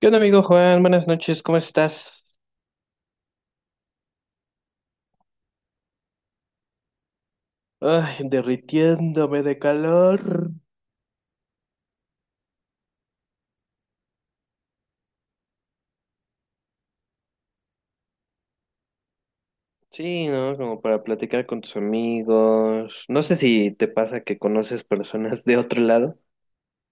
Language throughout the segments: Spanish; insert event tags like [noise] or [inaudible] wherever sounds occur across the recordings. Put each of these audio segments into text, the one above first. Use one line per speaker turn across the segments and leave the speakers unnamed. ¿Qué onda, amigo Juan? Buenas noches, ¿cómo estás? Ay, derritiéndome de calor. Sí, ¿no? Como para platicar con tus amigos. No sé si te pasa que conoces personas de otro lado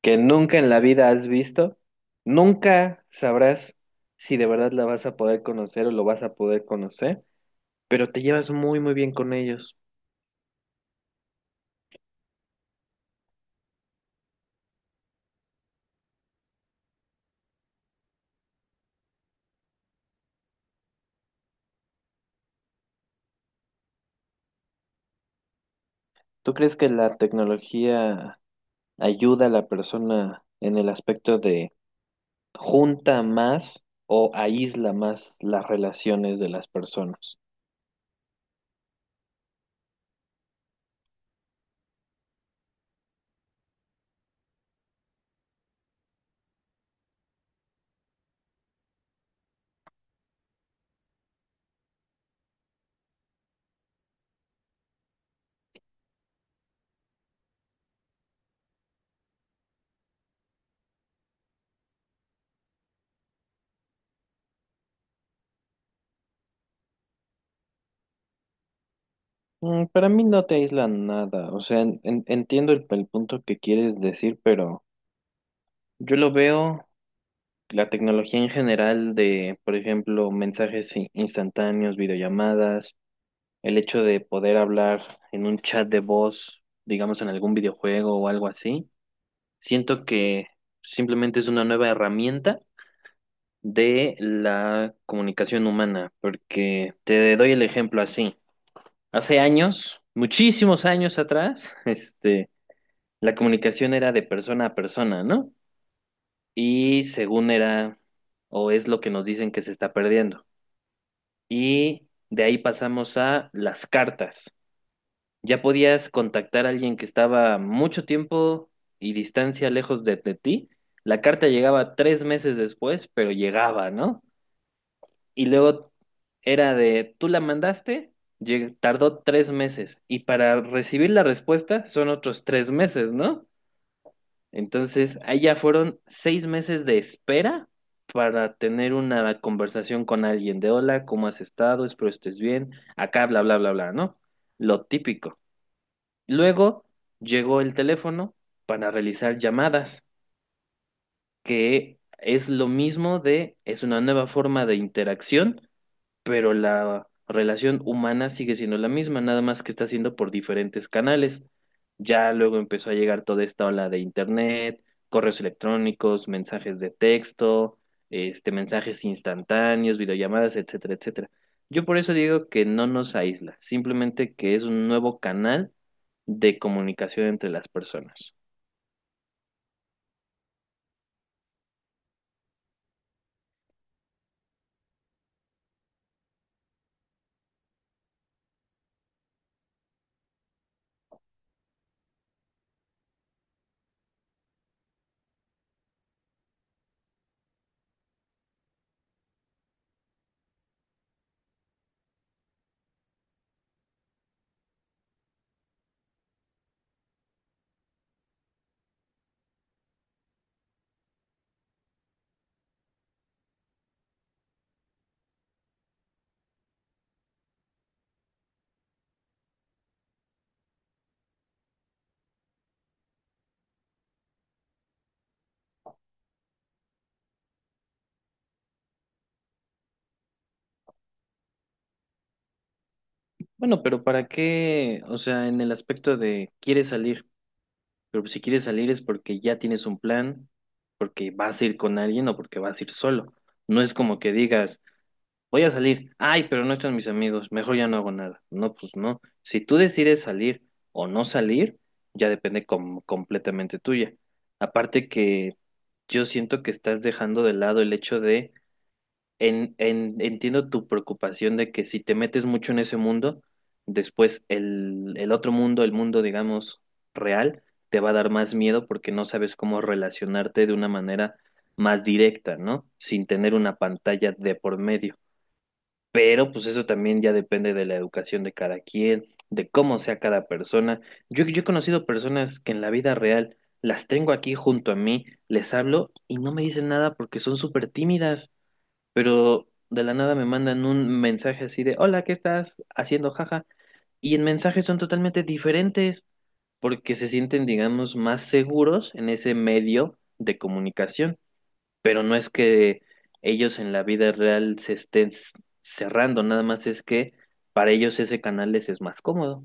que nunca en la vida has visto. Nunca sabrás si de verdad la vas a poder conocer o lo vas a poder conocer, pero te llevas muy, muy bien con ellos. ¿Tú crees que la tecnología ayuda a la persona en el aspecto de junta más o aísla más las relaciones de las personas? Mm, para mí no te aísla nada. O sea, entiendo el punto que quieres decir, pero yo lo veo, la tecnología en general de, por ejemplo, mensajes instantáneos, videollamadas, el hecho de poder hablar en un chat de voz, digamos en algún videojuego o algo así, siento que simplemente es una nueva herramienta de la comunicación humana, porque te doy el ejemplo así. Hace años, muchísimos años atrás, [laughs] la comunicación era de persona a persona, ¿no? Y según era, o es lo que nos dicen, que se está perdiendo. Y de ahí pasamos a las cartas. Ya podías contactar a alguien que estaba mucho tiempo y distancia lejos de ti. La carta llegaba tres meses después, pero llegaba, ¿no? Y luego era de, tú la mandaste, tardó tres meses. Y para recibir la respuesta son otros tres meses, ¿no? Entonces, allá fueron seis meses de espera para tener una conversación con alguien de, hola, ¿cómo has estado? Espero estés bien. Acá, bla, bla, bla, bla, ¿no? Lo típico. Luego llegó el teléfono para realizar llamadas, que es lo mismo de, es una nueva forma de interacción, pero la relación humana sigue siendo la misma, nada más que está siendo por diferentes canales. Ya luego empezó a llegar toda esta ola de internet, correos electrónicos, mensajes de texto, mensajes instantáneos, videollamadas, etcétera, etcétera. Yo por eso digo que no nos aísla, simplemente que es un nuevo canal de comunicación entre las personas. Bueno, pero ¿para qué? O sea, en el aspecto de quieres salir. Pero pues si quieres salir es porque ya tienes un plan, porque vas a ir con alguien o porque vas a ir solo. No es como que digas, voy a salir, ay, pero no están mis amigos, mejor ya no hago nada. No, pues no. Si tú decides salir o no salir, ya depende completamente tuya. Aparte que yo siento que estás dejando de lado el hecho de entiendo tu preocupación de que si te metes mucho en ese mundo, después el otro mundo, el mundo, digamos, real, te va a dar más miedo porque no sabes cómo relacionarte de una manera más directa, ¿no? Sin tener una pantalla de por medio. Pero pues eso también ya depende de la educación de cada quien, de cómo sea cada persona. Yo he conocido personas que en la vida real las tengo aquí junto a mí, les hablo y no me dicen nada porque son súper tímidas, pero de la nada me mandan un mensaje así de, hola, ¿qué estás haciendo? Jaja. Y en mensajes son totalmente diferentes porque se sienten, digamos, más seguros en ese medio de comunicación, pero no es que ellos en la vida real se estén cerrando, nada más es que para ellos ese canal les es más cómodo.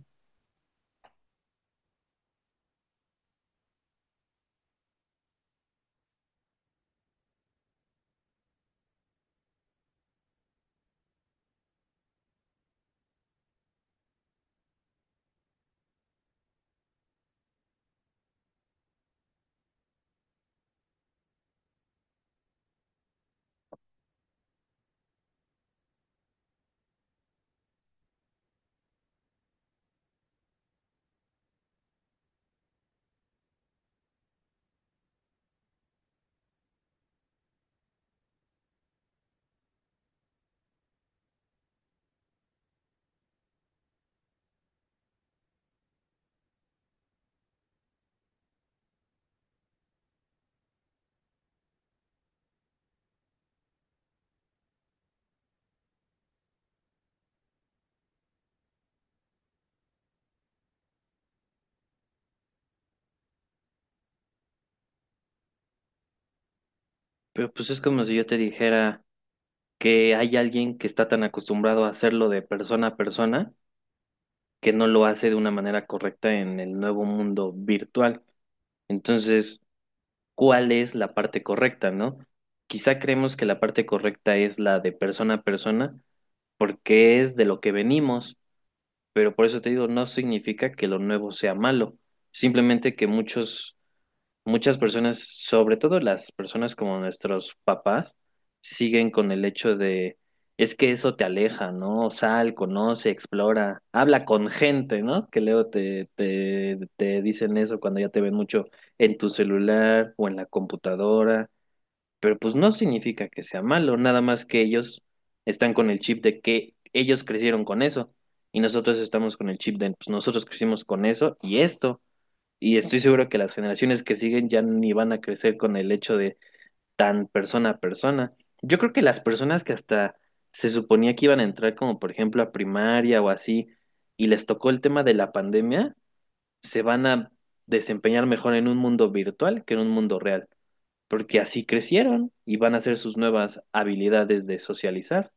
Pero pues es como si yo te dijera que hay alguien que está tan acostumbrado a hacerlo de persona a persona que no lo hace de una manera correcta en el nuevo mundo virtual. Entonces, ¿cuál es la parte correcta, no? Quizá creemos que la parte correcta es la de persona a persona, porque es de lo que venimos, pero por eso te digo, no significa que lo nuevo sea malo, simplemente que muchos muchas personas, sobre todo las personas como nuestros papás, siguen con el hecho de, es que eso te aleja, ¿no? Sal, conoce, explora, habla con gente, ¿no? Que luego te dicen eso cuando ya te ven mucho en tu celular o en la computadora, pero pues no significa que sea malo, nada más que ellos están con el chip de que ellos crecieron con eso. Y nosotros estamos con el chip de, pues nosotros crecimos con eso y esto. Y estoy seguro que las generaciones que siguen ya ni van a crecer con el hecho de tan persona a persona. Yo creo que las personas que hasta se suponía que iban a entrar como por ejemplo a primaria o así y les tocó el tema de la pandemia, se van a desempeñar mejor en un mundo virtual que en un mundo real, porque así crecieron y van a hacer sus nuevas habilidades de socializar.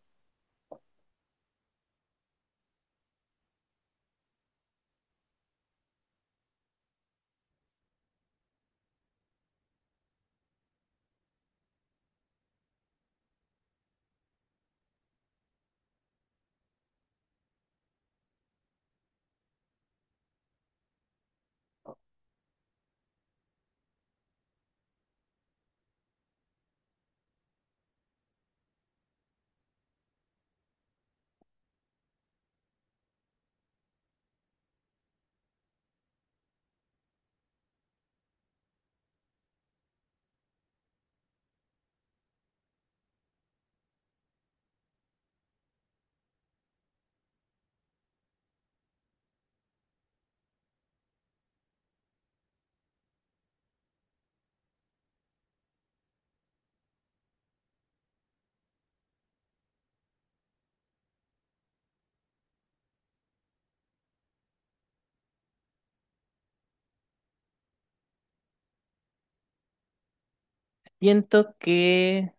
Siento que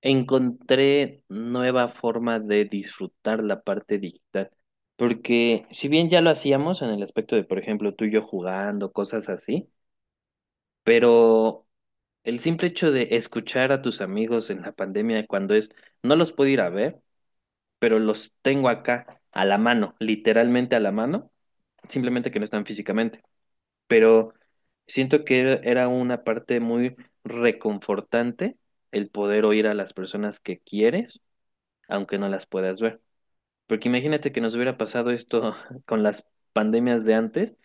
encontré nueva forma de disfrutar la parte digital, porque si bien ya lo hacíamos en el aspecto de, por ejemplo, tú y yo jugando, cosas así, pero el simple hecho de escuchar a tus amigos en la pandemia cuando es, no los puedo ir a ver, pero los tengo acá a la mano, literalmente a la mano, simplemente que no están físicamente, pero siento que era una parte muy reconfortante el poder oír a las personas que quieres aunque no las puedas ver. Porque imagínate que nos hubiera pasado esto [laughs] con las pandemias de antes,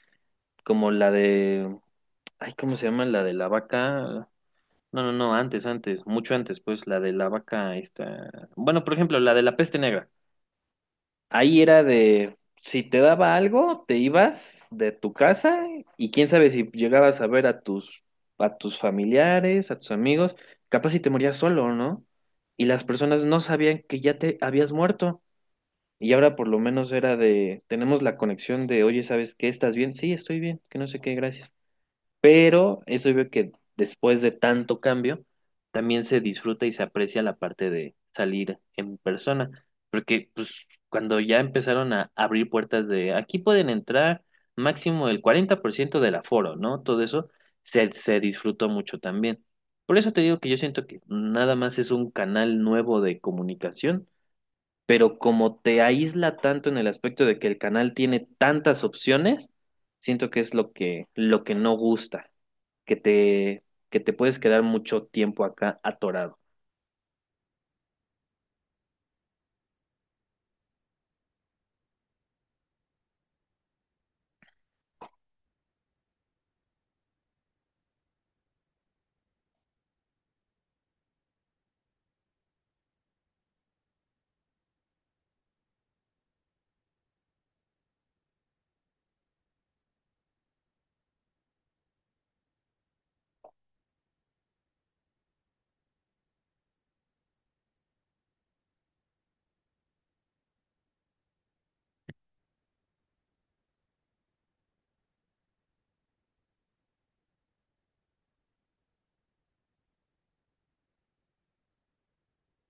como la de, ay, ¿cómo se llama? La de la vaca. No, no, no, antes, antes, mucho antes, pues la de la vaca esta. Bueno, por ejemplo, la de la peste negra. Ahí era de, si te daba algo, te ibas de tu casa y quién sabe si llegabas a ver a a tus familiares, a tus amigos, capaz si te morías solo, ¿no? Y las personas no sabían que ya te habías muerto. Y ahora por lo menos era de, tenemos la conexión de, oye, ¿sabes qué? ¿Estás bien? Sí, estoy bien, que no sé qué, gracias. Pero eso veo que después de tanto cambio, también se disfruta y se aprecia la parte de salir en persona, porque pues cuando ya empezaron a abrir puertas de, aquí pueden entrar máximo el 40% del aforo, ¿no? Todo eso se disfrutó mucho también. Por eso te digo que yo siento que nada más es un canal nuevo de comunicación, pero como te aísla tanto en el aspecto de que el canal tiene tantas opciones, siento que es lo lo que no gusta, que te, que te puedes quedar mucho tiempo acá atorado.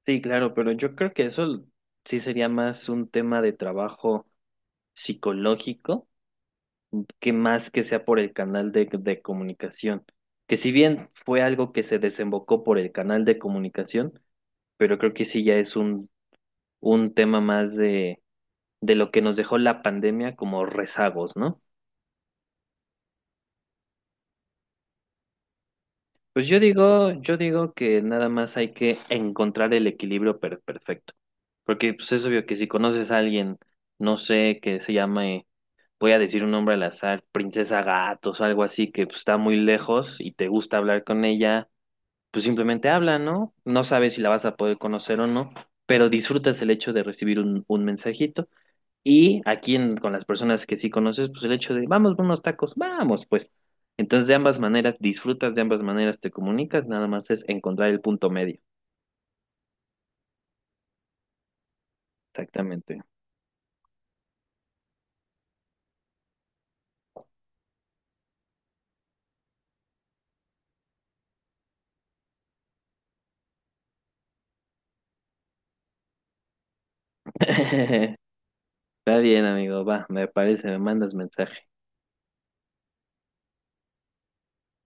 Sí, claro, pero yo creo que eso sí sería más un tema de trabajo psicológico que más que sea por el canal de comunicación. Que si bien fue algo que se desembocó por el canal de comunicación, pero creo que sí ya es un tema más de lo que nos dejó la pandemia como rezagos, ¿no? Pues yo digo que nada más hay que encontrar el equilibrio perfecto. Porque pues es obvio que si conoces a alguien, no sé, que se llame, voy a decir un nombre al azar, Princesa Gatos o algo así, que pues, está muy lejos y te gusta hablar con ella, pues simplemente habla, ¿no? No sabes si la vas a poder conocer o no, pero disfrutas el hecho de recibir un mensajito. Y aquí con las personas que sí conoces, pues el hecho de, vamos por unos tacos, vamos, pues. Entonces de ambas maneras disfrutas, de ambas maneras te comunicas, nada más es encontrar el punto medio. Exactamente. [laughs] Está bien, amigo, va, me parece, me mandas mensaje.